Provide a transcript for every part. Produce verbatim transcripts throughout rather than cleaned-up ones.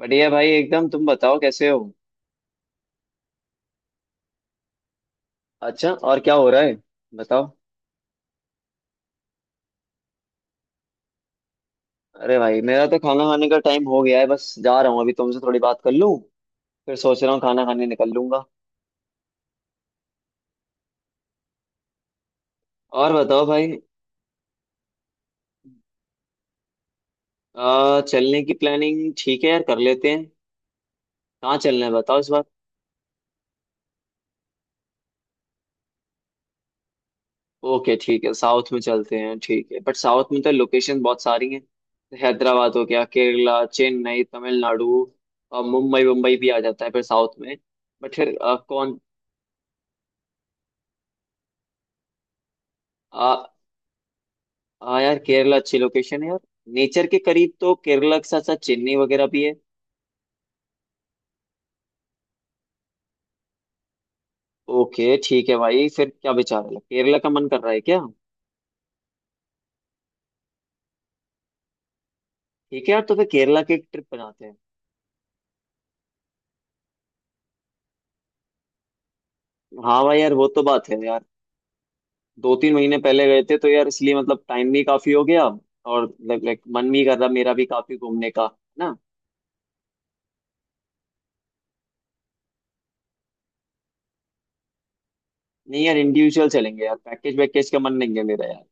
बढ़िया भाई एकदम। तुम बताओ कैसे हो। अच्छा और क्या हो रहा है, बताओ। अरे भाई मेरा तो खाना खाने का टाइम हो गया है, बस जा रहा हूँ अभी तुमसे थोड़ी बात कर लूँ। फिर सोच रहा हूँ खाना खाने निकल लूंगा। और बताओ भाई। आ, चलने की प्लानिंग ठीक है यार, कर लेते हैं। कहाँ चलना है बताओ इस बार। ओके ठीक है साउथ में चलते हैं, ठीक है बट साउथ में तो लोकेशन बहुत सारी हैं। हैदराबाद हो गया, केरला, चेन्नई, तमिलनाडु और मुंबई, मुंबई भी आ जाता है फिर साउथ में। बट फिर अ, कौन। हाँ यार केरला अच्छी लोकेशन है यार। नेचर के करीब तो केरला के साथ साथ चेन्नई वगैरह भी है। ओके ठीक है भाई, फिर क्या विचार है, केरला का मन कर रहा है क्या। ठीक है यार तो फिर केरला की ट्रिप बनाते हैं। हाँ भाई यार वो तो बात है यार। दो तीन महीने पहले गए थे तो यार, इसलिए मतलब टाइम भी काफी हो गया। और लाइक लाइक मन भी कर रहा, मेरा भी काफी घूमने का है ना। नहीं यार इंडिविजुअल चलेंगे यार, पैकेज वैकेज का मन नहीं है मेरा यार।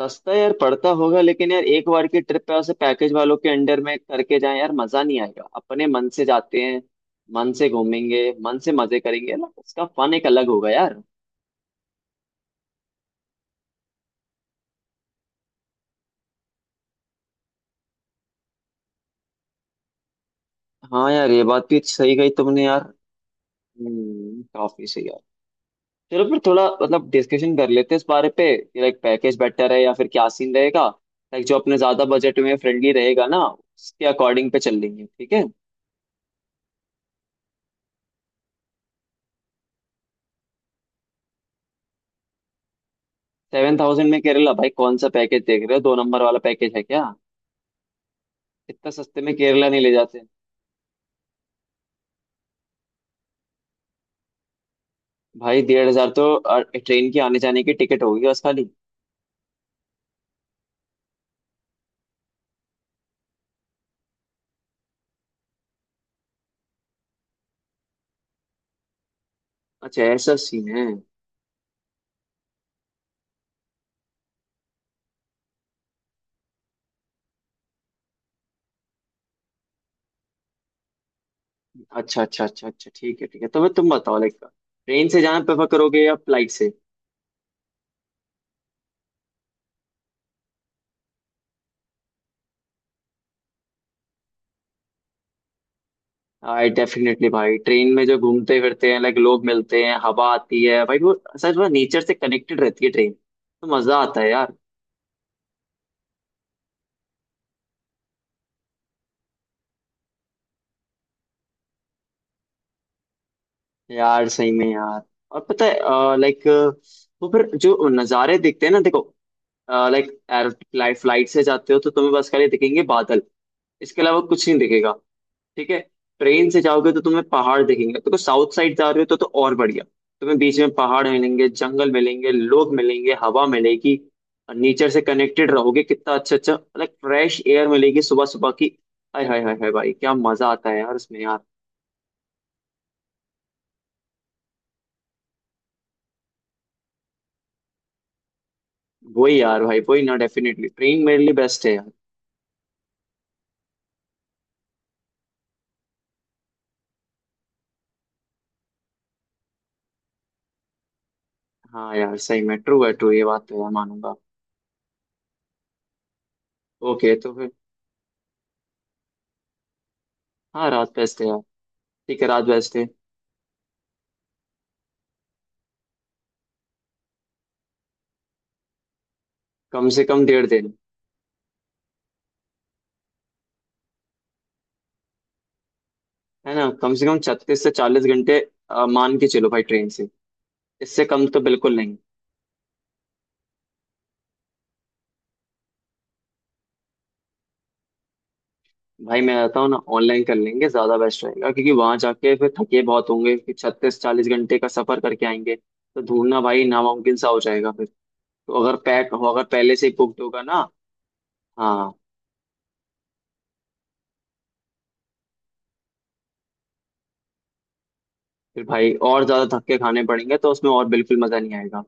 सस्ता यार पड़ता होगा लेकिन यार एक बार की ट्रिप पे ऐसे पैकेज वालों के अंडर में करके जाएं यार मजा नहीं आएगा, अपने मन से जाते हैं। मन से घूमेंगे, मन से मजे करेंगे ना उसका फन एक अलग होगा यार। हाँ यार ये बात भी सही गई तुमने यार। हम्म काफी सही यार। चलो फिर थोड़ा मतलब डिस्कशन कर लेते हैं इस बारे पे कि लाइक पैकेज बेटर है या फिर क्या सीन रहेगा। लाइक जो अपने ज्यादा बजट में फ्रेंडली रहेगा ना उसके अकॉर्डिंग पे चल लेंगे, ठीक है। सेवन थाउजेंड में केरला भाई, कौन सा पैकेज देख रहे हो, दो नंबर वाला पैकेज है क्या। इतना सस्ते में केरला नहीं ले जाते। भाई डेढ़ हजार तो अ, ट्रेन की आने जाने की टिकट होगी बस खाली। अच्छा ऐसा सीन है। अच्छा अच्छा अच्छा अच्छा ठीक है ठीक है। तो मैं तुम बताओ लाइक ट्रेन से जाना प्रेफर करोगे या फ्लाइट से। आई डेफिनेटली भाई ट्रेन में जो घूमते फिरते हैं लाइक लोग मिलते हैं, हवा आती है भाई, वो सच में नेचर से कनेक्टेड रहती है ट्रेन, तो मजा आता है यार। यार सही में यार। और पता है लाइक वो फिर जो नज़ारे दिखते हैं ना, देखो लाइक एयर, फ्लाइट से जाते हो तो तुम्हें बस खाली दिखेंगे बादल, इसके अलावा कुछ नहीं दिखेगा। ठीक है। ट्रेन से जाओगे तो तुम्हें पहाड़ दिखेंगे, तो साउथ साइड जा रहे हो तो, तो और बढ़िया। तुम्हें बीच में पहाड़ मिलेंगे, जंगल मिलेंगे, लोग मिलेंगे, हवा मिलेगी और नेचर से कनेक्टेड रहोगे, कितना अच्छा अच्छा लाइक फ्रेश एयर मिलेगी सुबह सुबह की। हाय हाय हाय हाय भाई क्या मजा आता है यार उसमें यार। वही यार भाई वही ना, डेफिनेटली ट्रेन मेरे लिए बेस्ट है यार। हाँ यार सही में ट्रू है, ट्रू ये बात तो यार मानूंगा। ओके तो फिर। हाँ रात बेस्ट है यार। ठीक है रात बेस्ट है। कम से कम डेढ़ दिन। है ना, कम से कम छत्तीस से चालीस घंटे अ, मान के चलो भाई ट्रेन से, इससे कम तो बिल्कुल नहीं। भाई मैं रहता हूँ ना, ऑनलाइन कर लेंगे ज्यादा बेस्ट रहेगा क्योंकि वहां जाके फिर थके बहुत होंगे कि छत्तीस चालीस घंटे का सफर करके आएंगे तो ढूंढना भाई नामुमकिन सा हो जाएगा फिर। तो अगर पैक हो, अगर पहले से ही बुक्ड होगा ना। हाँ। फिर भाई और ज्यादा धक्के खाने पड़ेंगे तो उसमें और बिल्कुल मजा नहीं आएगा।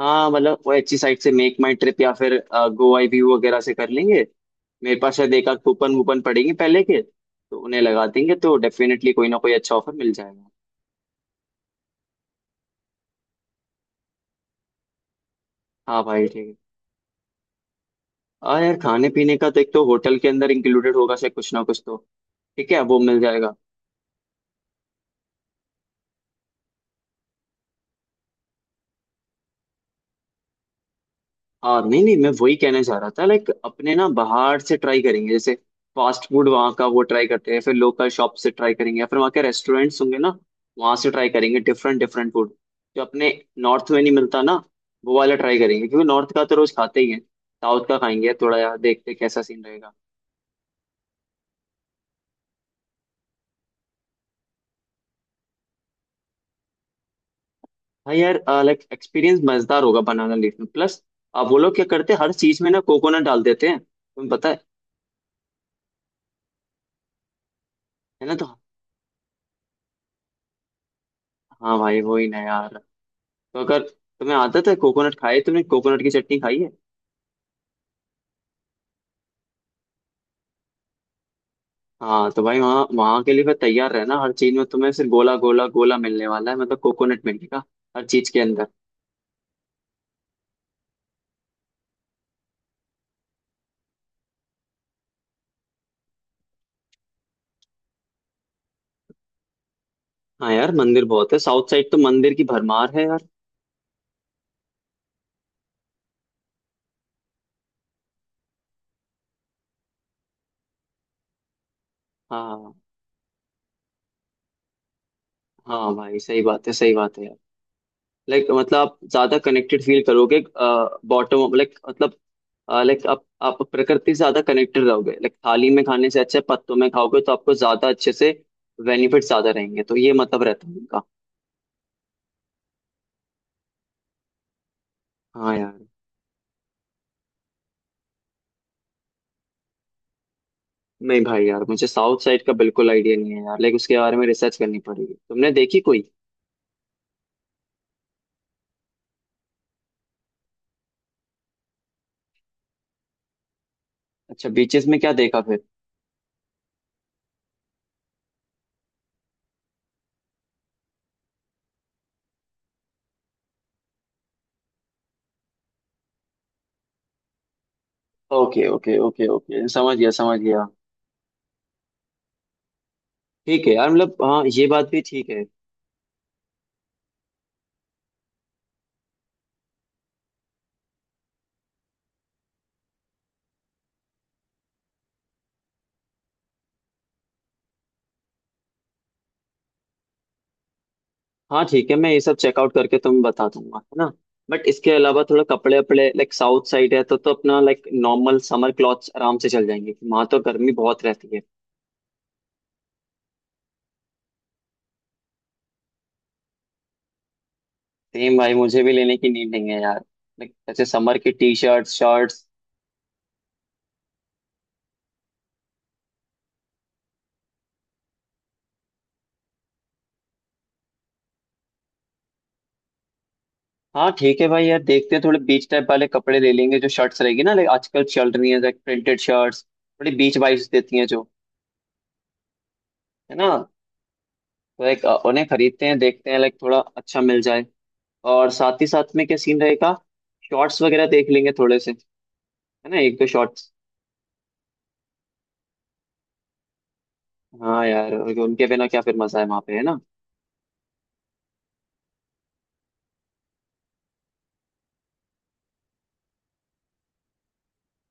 हाँ मतलब वो अच्छी साइट से मेक माई ट्रिप या फिर गो आई व्यू वगैरह से कर लेंगे। मेरे पास शायद एक आध कूपन वूपन पड़ेंगे पहले के तो उन्हें लगा देंगे तो डेफिनेटली कोई ना कोई अच्छा ऑफर मिल जाएगा। हाँ भाई ठीक है। हाँ यार खाने पीने का तो एक तो होटल के अंदर इंक्लूडेड होगा शायद कुछ ना कुछ तो। ठीक है वो मिल जाएगा। हाँ नहीं नहीं मैं वही कहना चाह रहा था लाइक अपने ना बाहर से ट्राई करेंगे, जैसे फास्ट फूड वहाँ का वो ट्राई करते हैं, फिर लोकल शॉप से ट्राई करेंगे या फिर वहाँ के रेस्टोरेंट्स होंगे ना, वहाँ से ट्राई करेंगे डिफरेंट डिफरेंट फूड जो अपने नॉर्थ में नहीं मिलता ना, वो वाला ट्राई करेंगे क्योंकि नॉर्थ का तो रोज खाते ही हैं। साउथ का खाएंगे थोड़ा यार, देखते हैं कैसा सीन रहेगा। हाँ यार लाइक एक्सपीरियंस मजेदार होगा बनाना लीफ में प्लस, आप वो लोग क्या करते हैं हर चीज में ना कोकोनट डाल देते हैं, तुम्हें पता है। है ना तो, हाँ भाई वही ना यार, तो अगर तुम्हें आदत है कोकोनट, खाई तुमने कोकोनट की चटनी खाई है। हाँ तो भाई वहाँ वहाँ के लिए फिर तैयार रहना, हर चीज में तुम्हें सिर्फ गोला गोला गोला मिलने वाला है, मतलब कोकोनट मिलेगा हर चीज के अंदर। हाँ यार मंदिर बहुत है, साउथ साइड तो मंदिर की भरमार है यार। हाँ, हाँ भाई सही बात है सही बात है यार। लाइक मतलब आप ज्यादा कनेक्टेड फील करोगे बॉटम, लाइक मतलब लाइक आप आप प्रकृति से ज्यादा कनेक्टेड रहोगे, लाइक थाली में खाने से अच्छा है, पत्तों में खाओगे तो आपको ज्यादा अच्छे से बेनिफिट ज्यादा रहेंगे तो ये मतलब रहता है उनका। हाँ यार। नहीं भाई यार मुझे साउथ साइड का बिल्कुल आइडिया नहीं है यार, लाइक उसके बारे में रिसर्च करनी पड़ेगी, तुमने देखी कोई। अच्छा बीचेस में क्या देखा फिर। ओके ओके ओके ओके समझ गया समझ गया। ठीक है यार मतलब हाँ ये बात भी ठीक है। हाँ ठीक है मैं ये सब चेकआउट करके तुम्हें बता दूंगा है ना। बट इसके अलावा थोड़ा कपड़े वपड़े लाइक साउथ साइड है तो तो अपना लाइक नॉर्मल समर क्लॉथ्स आराम से चल जाएंगे, वहां तो गर्मी बहुत रहती है। सेम भाई मुझे भी लेने की नीड नहीं है यार, लाइक जैसे समर की टी शर्ट शर्ट्स। हाँ ठीक है भाई यार, देखते हैं थोड़े बीच टाइप वाले कपड़े ले लेंगे, जो शर्ट्स रहेगी ना लाइक आजकल चल रही है लाइक प्रिंटेड शर्ट्स थोड़ी बीच वाइब्स देती हैं, जो है ना तो लाइक उन्हें खरीदते हैं, देखते हैं लाइक थोड़ा अच्छा मिल जाए। और साथ ही साथ में क्या सीन रहेगा, शॉर्ट्स वगैरह देख लेंगे थोड़े से है ना, एक दो शॉर्ट्स। हाँ यार उनके बिना क्या फिर मजा है वहाँ पे, है ना।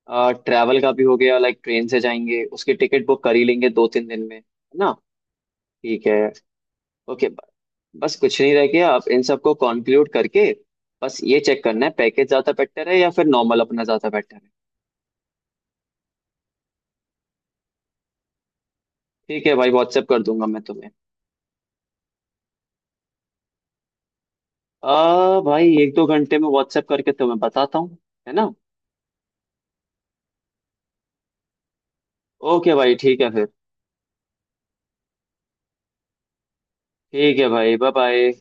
आ, ट्रैवल का भी हो गया, लाइक ट्रेन से जाएंगे, उसकी टिकट बुक कर ही लेंगे दो तीन दिन में है ना। ठीक है। ओके। बस कुछ नहीं रह गया, आप इन सबको कॉन्क्लूड करके बस ये चेक करना है पैकेज ज्यादा बेटर है या फिर नॉर्मल अपना ज्यादा बेटर है। ठीक है भाई व्हाट्सएप कर दूंगा मैं तुम्हें। आ भाई एक दो घंटे में व्हाट्सएप करके तुम्हें बताता हूँ, है ना। ओके भाई ठीक है फिर। ठीक है भाई बाय बाय।